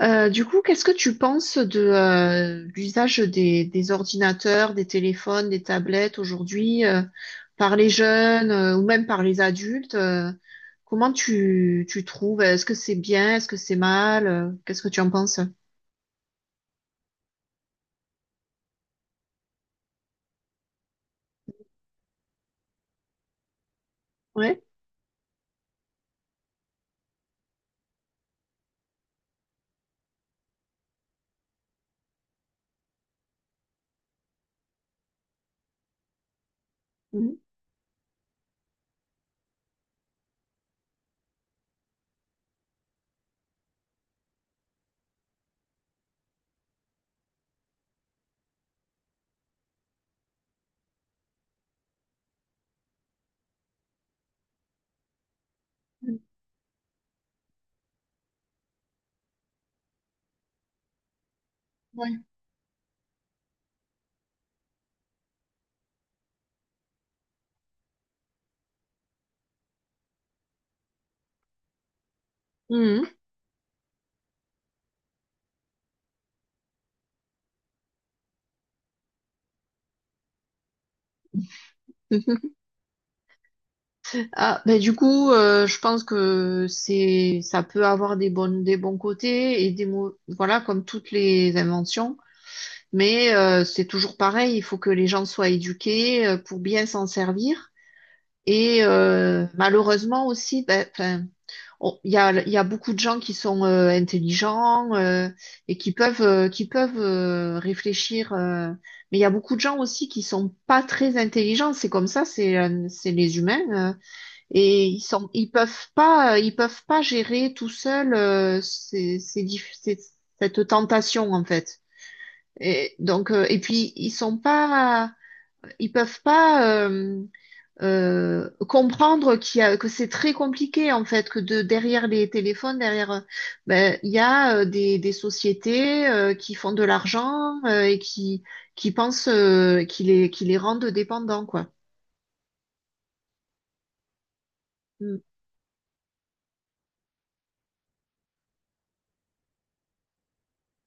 Du coup, qu'est-ce que tu penses de l'usage des ordinateurs, des téléphones, des tablettes aujourd'hui, par les jeunes, ou même par les adultes? Comment tu trouves? Est-ce que c'est bien? Est-ce que c'est mal? Qu'est-ce que tu en penses? Ouais. Mhm. Ouais. Mhm. Ah, ben du coup, je pense que c'est, ça peut avoir des bonnes, des bons côtés et des mots, voilà, comme toutes les inventions. Mais c'est toujours pareil, il faut que les gens soient éduqués, pour bien s'en servir. Et malheureusement aussi, ben, y a beaucoup de gens qui sont intelligents, et qui peuvent réfléchir. Mais il y a beaucoup de gens aussi qui sont pas très intelligents. C'est comme ça, c'est les humains. Et ils peuvent pas gérer tout seuls, cette tentation en fait. Et donc, et puis ils peuvent pas, comprendre que c'est très compliqué en fait, que de derrière les téléphones, derrière, ben il y a, des sociétés, qui font de l'argent, qui pensent, qui les rendent dépendants quoi. Mm,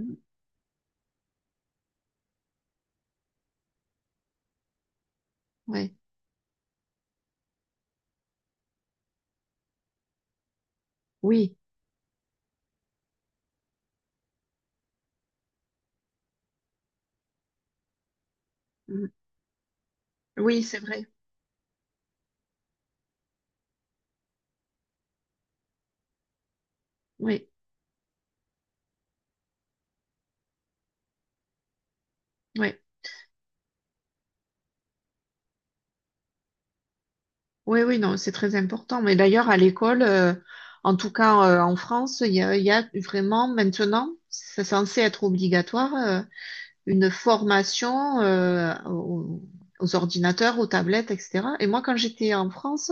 mm, ouais, oui, mm, oui, c'est vrai, oui, oui. Oui, oui, non, c'est très important. Mais d'ailleurs, à l'école, en tout cas, en France, il y a vraiment maintenant, c'est censé être obligatoire, une formation aux ordinateurs, aux tablettes, etc. Et moi, quand j'étais en France,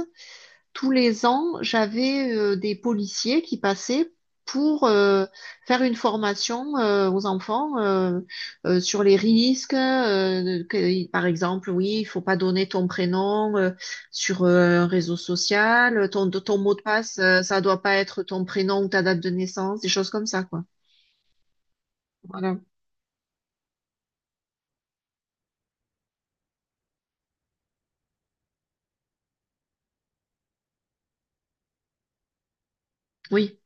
tous les ans, j'avais des policiers qui passaient pour, faire une formation aux enfants, sur les risques. Par exemple, oui, il faut pas donner ton prénom, sur un réseau social, ton mot de passe, ça doit pas être ton prénom ou ta date de naissance, des choses comme ça, quoi. Voilà. Oui.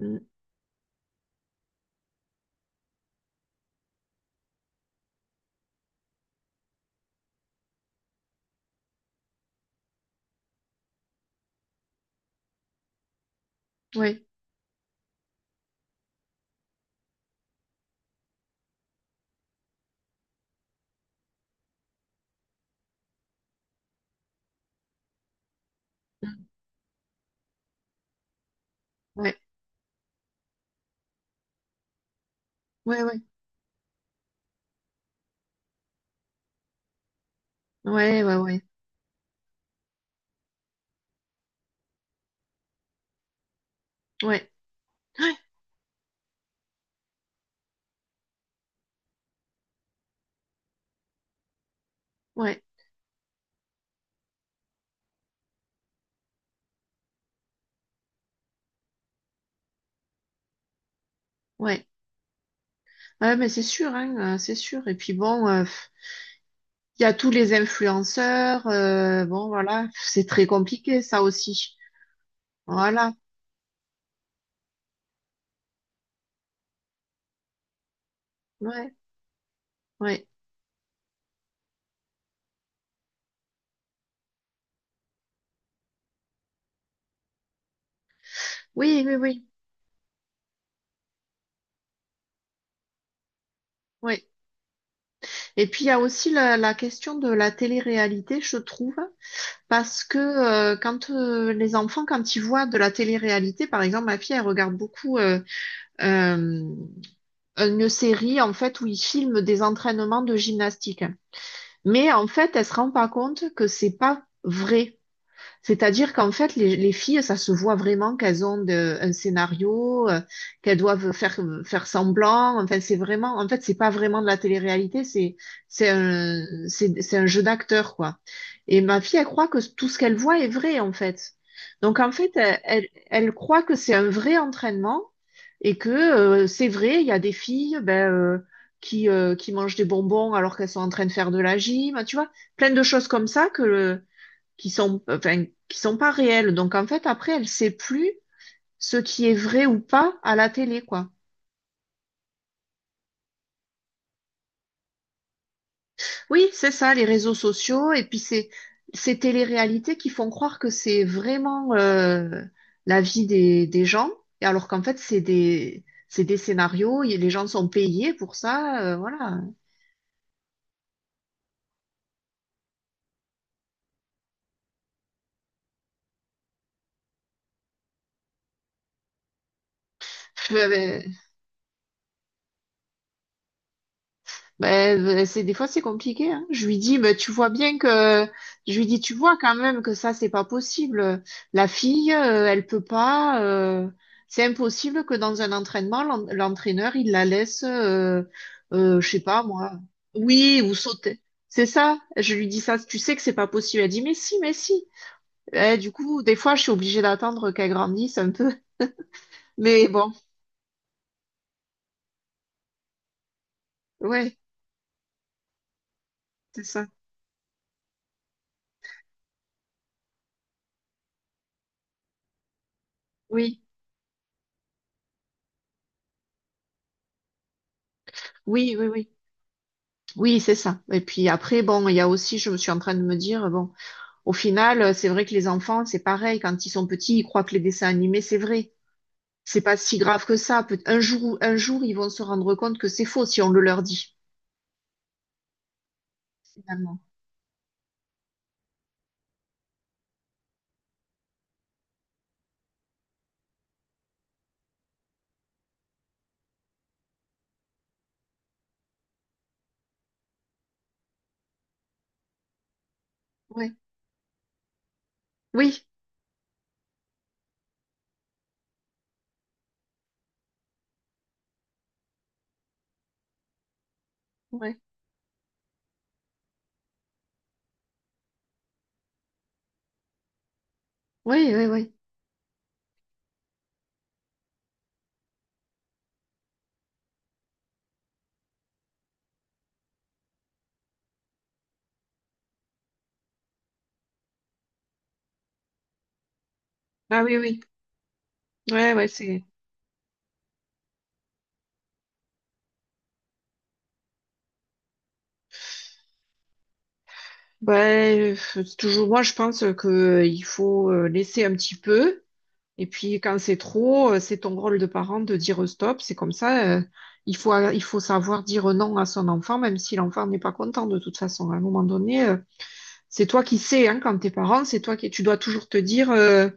Mm. Oui. Ouais, ouais, ouais, ouais, ouais, ouais, ouais, ouais, ouais, ouais, ouais, mais c'est sûr, hein, c'est sûr. Et puis bon, il y a tous les influenceurs. Bon, voilà, c'est très compliqué, ça aussi. Voilà, ouais, ouais. Oui, oui, oui, oui. Et puis, il y a aussi la question de la télé-réalité, je trouve, parce que quand les enfants, quand ils voient de la télé-réalité, par exemple, ma fille, elle regarde beaucoup, euh, une série, en fait, où ils filment des entraînements de gymnastique. Mais en fait, elle se rend pas compte que c'est pas vrai. C'est-à-dire qu'en fait, les filles, ça se voit vraiment un scénario, qu'elles doivent faire, faire semblant. Enfin, c'est vraiment, en fait, c'est pas vraiment de la télé-réalité, c'est, c'est un jeu d'acteur, quoi. Et ma fille, elle croit que tout ce qu'elle voit est vrai, en fait. Donc, en fait, elle croit que c'est un vrai entraînement et que, c'est vrai, il y a des filles, ben, qui mangent des bonbons alors qu'elles sont en train de faire de la gym, tu vois, plein de choses comme ça que, qui sont, enfin, qui sont pas réelles. Donc en fait, après, elle sait plus ce qui est vrai ou pas à la télé, quoi. Oui, c'est ça, les réseaux sociaux, et puis c'est ces téléréalités qui font croire que c'est vraiment, la vie des gens, et alors qu'en fait, c'est des scénarios, et les gens sont payés pour ça, voilà. Euh, ben, c'est des fois c'est compliqué, hein. Je lui dis, ben tu vois bien que, tu vois quand même que ça c'est pas possible. La fille, elle peut pas. C'est impossible que dans un entraînement, l'entraîneur il la laisse, je sais pas moi. Oui, ou sauter. C'est ça. Je lui dis ça. Tu sais que c'est pas possible. Elle dit, mais si, mais si. Eh, du coup, des fois, je suis obligée d'attendre qu'elle grandisse un peu. Mais bon, ouais, c'est ça. Oui, oui, oui, oui. Oui, c'est ça. Et puis après, bon, il y a aussi, je suis en train de me dire, bon, au final, c'est vrai que les enfants, c'est pareil, quand ils sont petits, ils croient que les dessins animés, c'est vrai. C'est pas si grave que ça. Un jour, ils vont se rendre compte que c'est faux si on le leur dit, finalement. Ouais. Oui, ouais. Oui, oui, oui. Ah oui, oui. Ouais, Ouais, c'est toujours moi, je pense que, il faut, laisser un petit peu. Et puis quand c'est trop, c'est ton rôle de parent de dire stop. C'est comme ça, il faut savoir dire non à son enfant, même si l'enfant n'est pas content de toute façon. À un moment donné, c'est toi qui sais, hein, quand t'es parent, c'est toi qui, tu dois toujours te dire,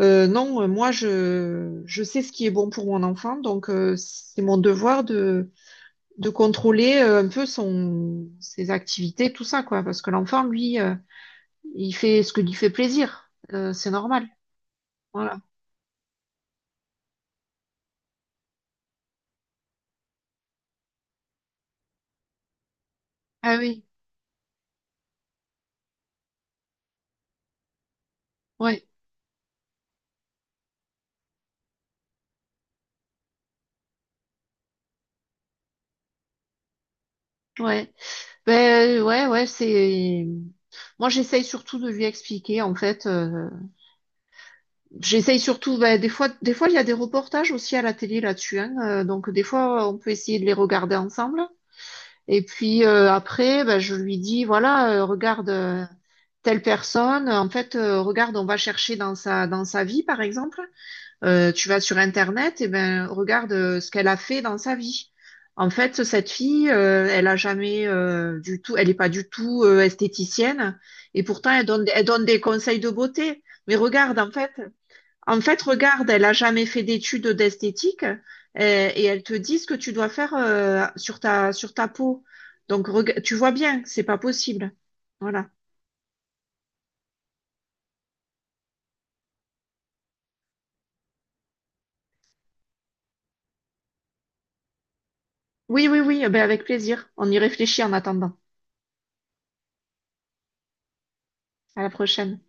non, moi je sais ce qui est bon pour mon enfant, donc c'est mon devoir de contrôler, un peu son, ses activités, tout ça, quoi, parce que l'enfant, lui, il fait ce que lui fait plaisir. C'est normal. Voilà. Ah oui. Ouais. Ouais, ben ouais, ouais, c'est. Moi, j'essaye surtout de lui expliquer. En fait, j'essaye surtout. Ben, des fois, il y a des reportages aussi à la télé là-dessus. Hein, donc, des fois, on peut essayer de les regarder ensemble. Et puis après, ben, je lui dis, voilà, regarde, telle personne. En fait, regarde, on va chercher dans sa vie, par exemple. Tu vas sur Internet, et ben regarde, ce qu'elle a fait dans sa vie. En fait, cette fille, elle a jamais du tout, elle n'est pas du tout esthéticienne, et pourtant elle donne des conseils de beauté. Mais regarde, en fait, regarde, elle a jamais fait d'études d'esthétique, et, elle te dit ce que tu dois faire sur ta peau. Donc tu vois bien, c'est pas possible. Voilà. Oui, oui, oui, eh ben avec plaisir. On y réfléchit en attendant. À la prochaine.